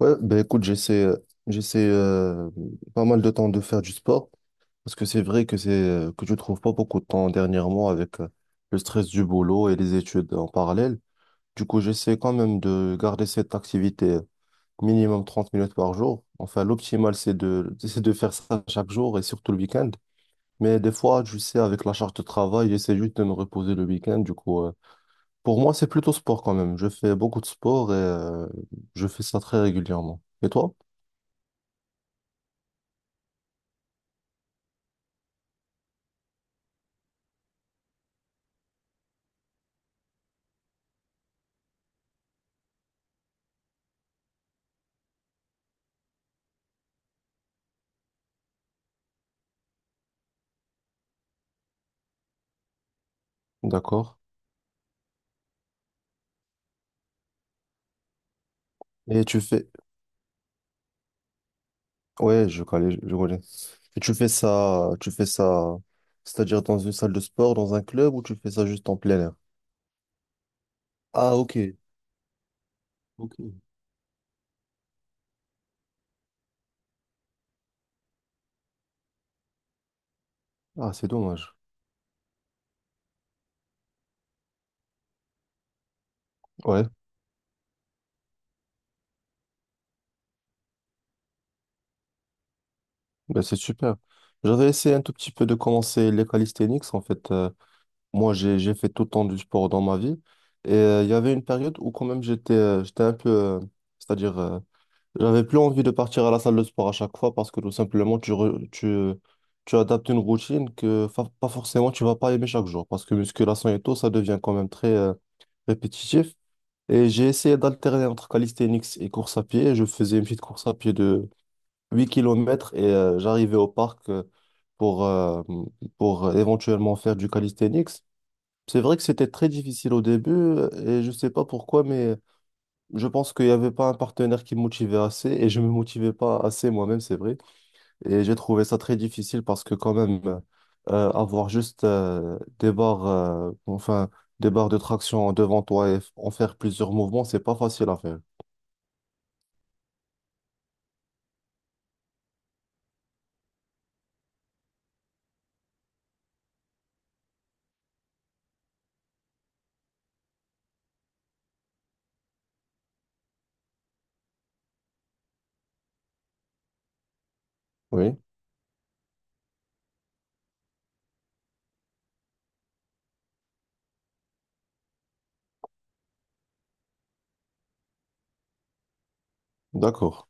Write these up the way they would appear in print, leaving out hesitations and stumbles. Ouais, ben écoute, j'essaie, j'essaie pas mal de temps de faire du sport parce que c'est vrai que c'est que je trouve pas beaucoup de temps dernièrement avec le stress du boulot et les études en parallèle. Du coup, j'essaie quand même de garder cette activité, minimum 30 minutes par jour. Enfin, l'optimal, c'est de faire ça chaque jour et surtout le week-end. Mais des fois, je sais, avec la charge de travail, j'essaie juste de me reposer le week-end. Pour moi, c'est plutôt sport quand même. Je fais beaucoup de sport et je fais ça très régulièrement. Et toi? D'accord. Et tu fais... Ouais, je connais, je connais. Et tu fais ça, c'est-à-dire dans une salle de sport, dans un club, ou tu fais ça juste en plein air? Ah, ok. Ok. Ah, c'est dommage. Ouais, ben c'est super. J'avais essayé un tout petit peu de commencer les calisthenics. En fait, moi, j'ai fait tout le temps du sport dans ma vie. Et il y avait une période où quand même j'étais un peu, c'est-à-dire j'avais plus envie de partir à la salle de sport à chaque fois parce que tout simplement, tu adaptes une routine que pas forcément tu vas pas aimer chaque jour parce que musculation et tout, ça devient quand même très répétitif. Et j'ai essayé d'alterner entre calisthenics et course à pied. Je faisais une petite course à pied de 8 kilomètres et j'arrivais au parc pour, euh, pour éventuellement faire du calisthenics. C'est vrai que c'était très difficile au début et je sais pas pourquoi, mais je pense qu'il n'y avait pas un partenaire qui me motivait assez et je me motivais pas assez moi-même, c'est vrai. Et j'ai trouvé ça très difficile parce que quand même, avoir juste des barres, des barres de traction devant toi et en faire plusieurs mouvements, c'est pas facile à faire. Oui, d'accord.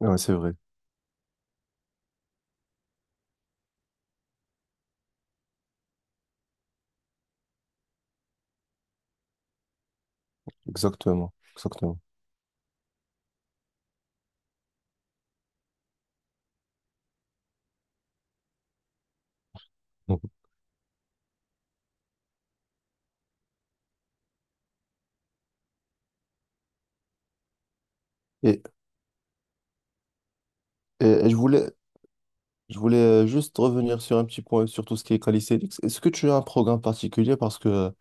Ouais, c'est vrai. Exactement. Exactement. Et, et- et je voulais, je voulais juste revenir sur un petit point, sur tout ce qui est calisthenics. Est-ce que tu as un programme particulier? Parce que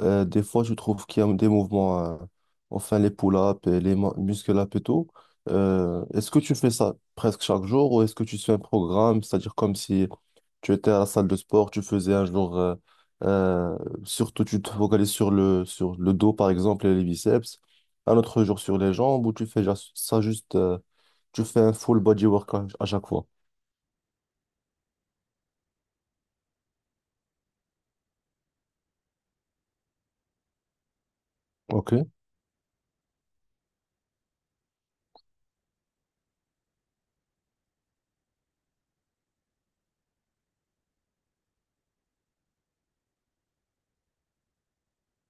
euh, des fois, je trouve qu'il y a des mouvements, enfin les pull-ups et les muscle-ups et tout. Est-ce que tu fais ça presque chaque jour ou est-ce que tu suis un programme, c'est-à-dire comme si tu étais à la salle de sport, tu faisais un jour, euh, surtout tu te focalises sur le dos par exemple et les biceps, un autre jour sur les jambes ou tu fais ça juste, tu fais un full body workout à chaque fois. Ok.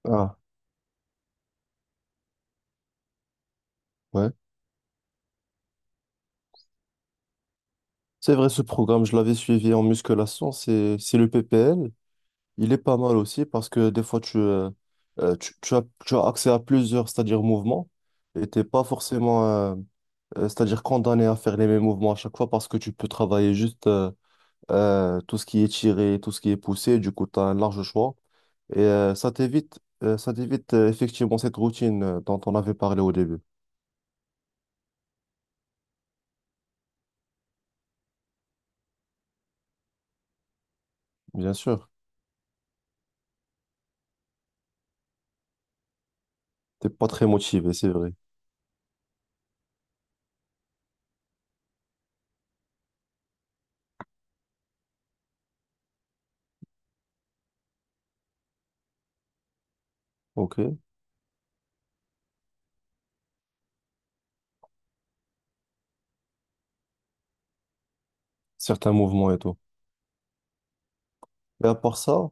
Ah, ouais. C'est vrai, ce programme, je l'avais suivi en musculation, c'est le PPL. Il est pas mal aussi parce que des fois, tu, tu as accès à plusieurs, c'est-à-dire mouvements, et t'es pas forcément, c'est-à-dire condamné à faire les mêmes mouvements à chaque fois parce que tu peux travailler juste tout ce qui est tiré, tout ce qui est poussé, du coup, tu as un large choix. Et ça t'évite, ça t'évite effectivement cette routine dont on avait parlé au début. Bien sûr, t'es pas très motivé, c'est vrai. Ok, certains mouvements et tout. Mais à part ça,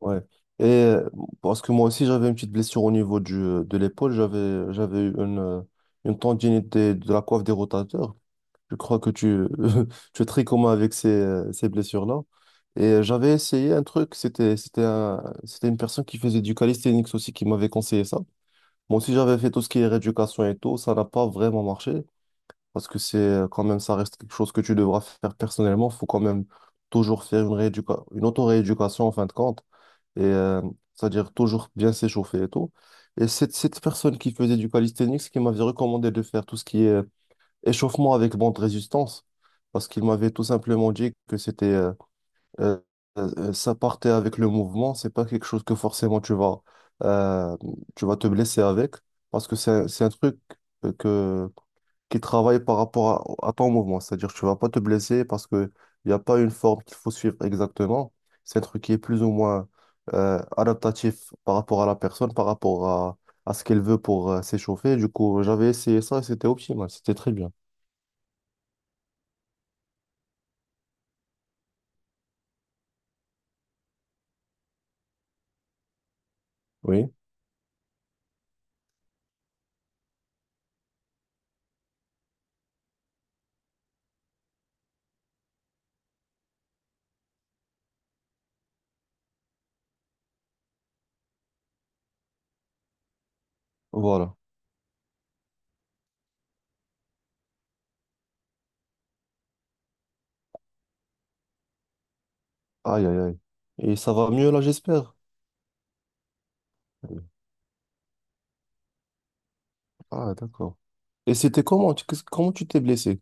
ouais. Et parce que moi aussi, j'avais une petite blessure au niveau de l'épaule. J'avais eu une tendinite de la coiffe des rotateurs. Je crois que tu, tu es très commun avec ces, ces blessures-là. Et j'avais essayé un truc. C'était une personne qui faisait du calisthenics aussi qui m'avait conseillé ça. Moi aussi, j'avais fait tout ce qui est rééducation et tout. Ça n'a pas vraiment marché parce que c'est quand même, ça reste quelque chose que tu devras faire personnellement. Il faut quand même toujours faire une rééducation, une auto-rééducation en fin de compte et c'est-à-dire toujours bien s'échauffer et tout. Et c'est cette personne qui faisait du calisthenics qui m'avait recommandé de faire tout ce qui est échauffement avec bande résistance, parce qu'il m'avait tout simplement dit que c'était euh, ça partait avec le mouvement, c'est pas quelque chose que forcément euh, tu vas te blesser avec, parce que c'est un truc que qui travaille par rapport à ton mouvement. C'est-à-dire que tu vas pas te blesser parce que il n'y a pas une forme qu'il faut suivre exactement. C'est un truc qui est plus ou moins adaptatif par rapport à la personne, par rapport à ce qu'elle veut pour s'échauffer. Du coup, j'avais essayé ça et c'était optimal, c'était très bien. Oui, voilà. Aïe, aïe, aïe. Et ça va mieux là, j'espère. Oui. Ah, d'accord. Et c'était comment? Comment tu t'es blessé?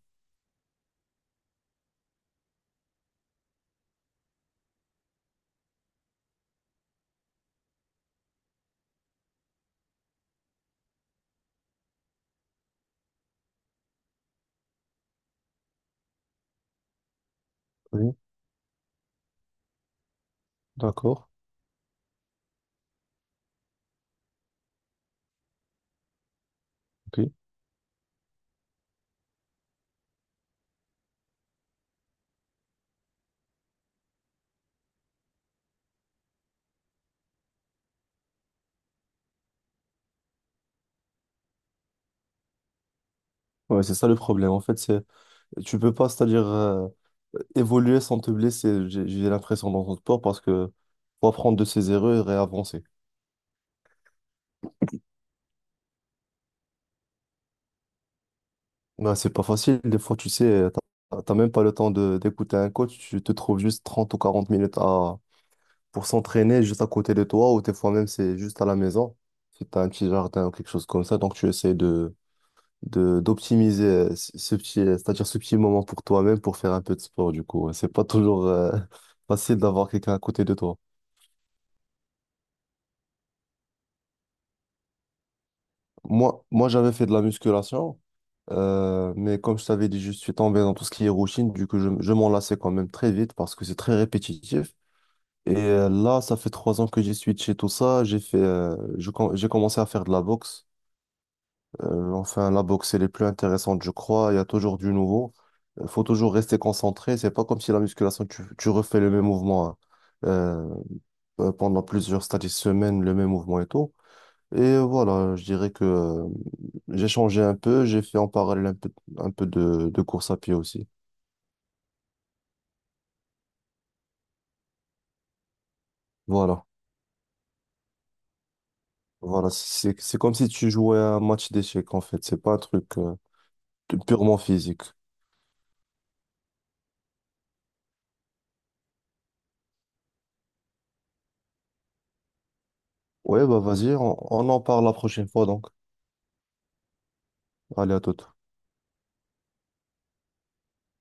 Oui, d'accord. Ok. Ouais, c'est ça le problème. En fait, c'est tu peux pas, c'est-à-dire évoluer sans te blesser, j'ai l'impression dans ton sport, parce que faut apprendre de ses erreurs et avancer. Bah, c'est pas facile, des fois, tu sais, t'as même pas le temps de d'écouter un coach, tu te trouves juste 30 ou 40 minutes à, pour s'entraîner juste à côté de toi, ou des fois même c'est juste à la maison, si t'as un petit jardin ou quelque chose comme ça, donc tu essaies de, d'optimiser ce petit, c'est-à-dire ce petit moment pour toi-même pour faire un peu de sport, du coup. Ouais. C'est pas toujours facile d'avoir quelqu'un à côté de toi. Moi, j'avais fait de la musculation, mais comme je t'avais dit, je suis tombé dans tout ce qui est routine, du coup, je m'en lassais quand même très vite parce que c'est très répétitif. Et là, ça fait 3 ans que j'ai switché tout ça. J'ai fait, j'ai commencé à faire de la boxe. Enfin, la boxe, elle est plus intéressante, je crois. Il y a toujours du nouveau. Il faut toujours rester concentré. C'est pas comme si la musculation, tu refais le même mouvement hein, euh, pendant plusieurs stades de semaines, le même mouvement et tout. Et voilà, je dirais que j'ai changé un peu, j'ai fait en parallèle un peu de course à pied aussi. Voilà, voilà, c'est comme si tu jouais à un match d'échecs en fait, c'est pas un truc purement physique. Ouais, bah vas-y, on en parle la prochaine fois donc. Allez, à toute.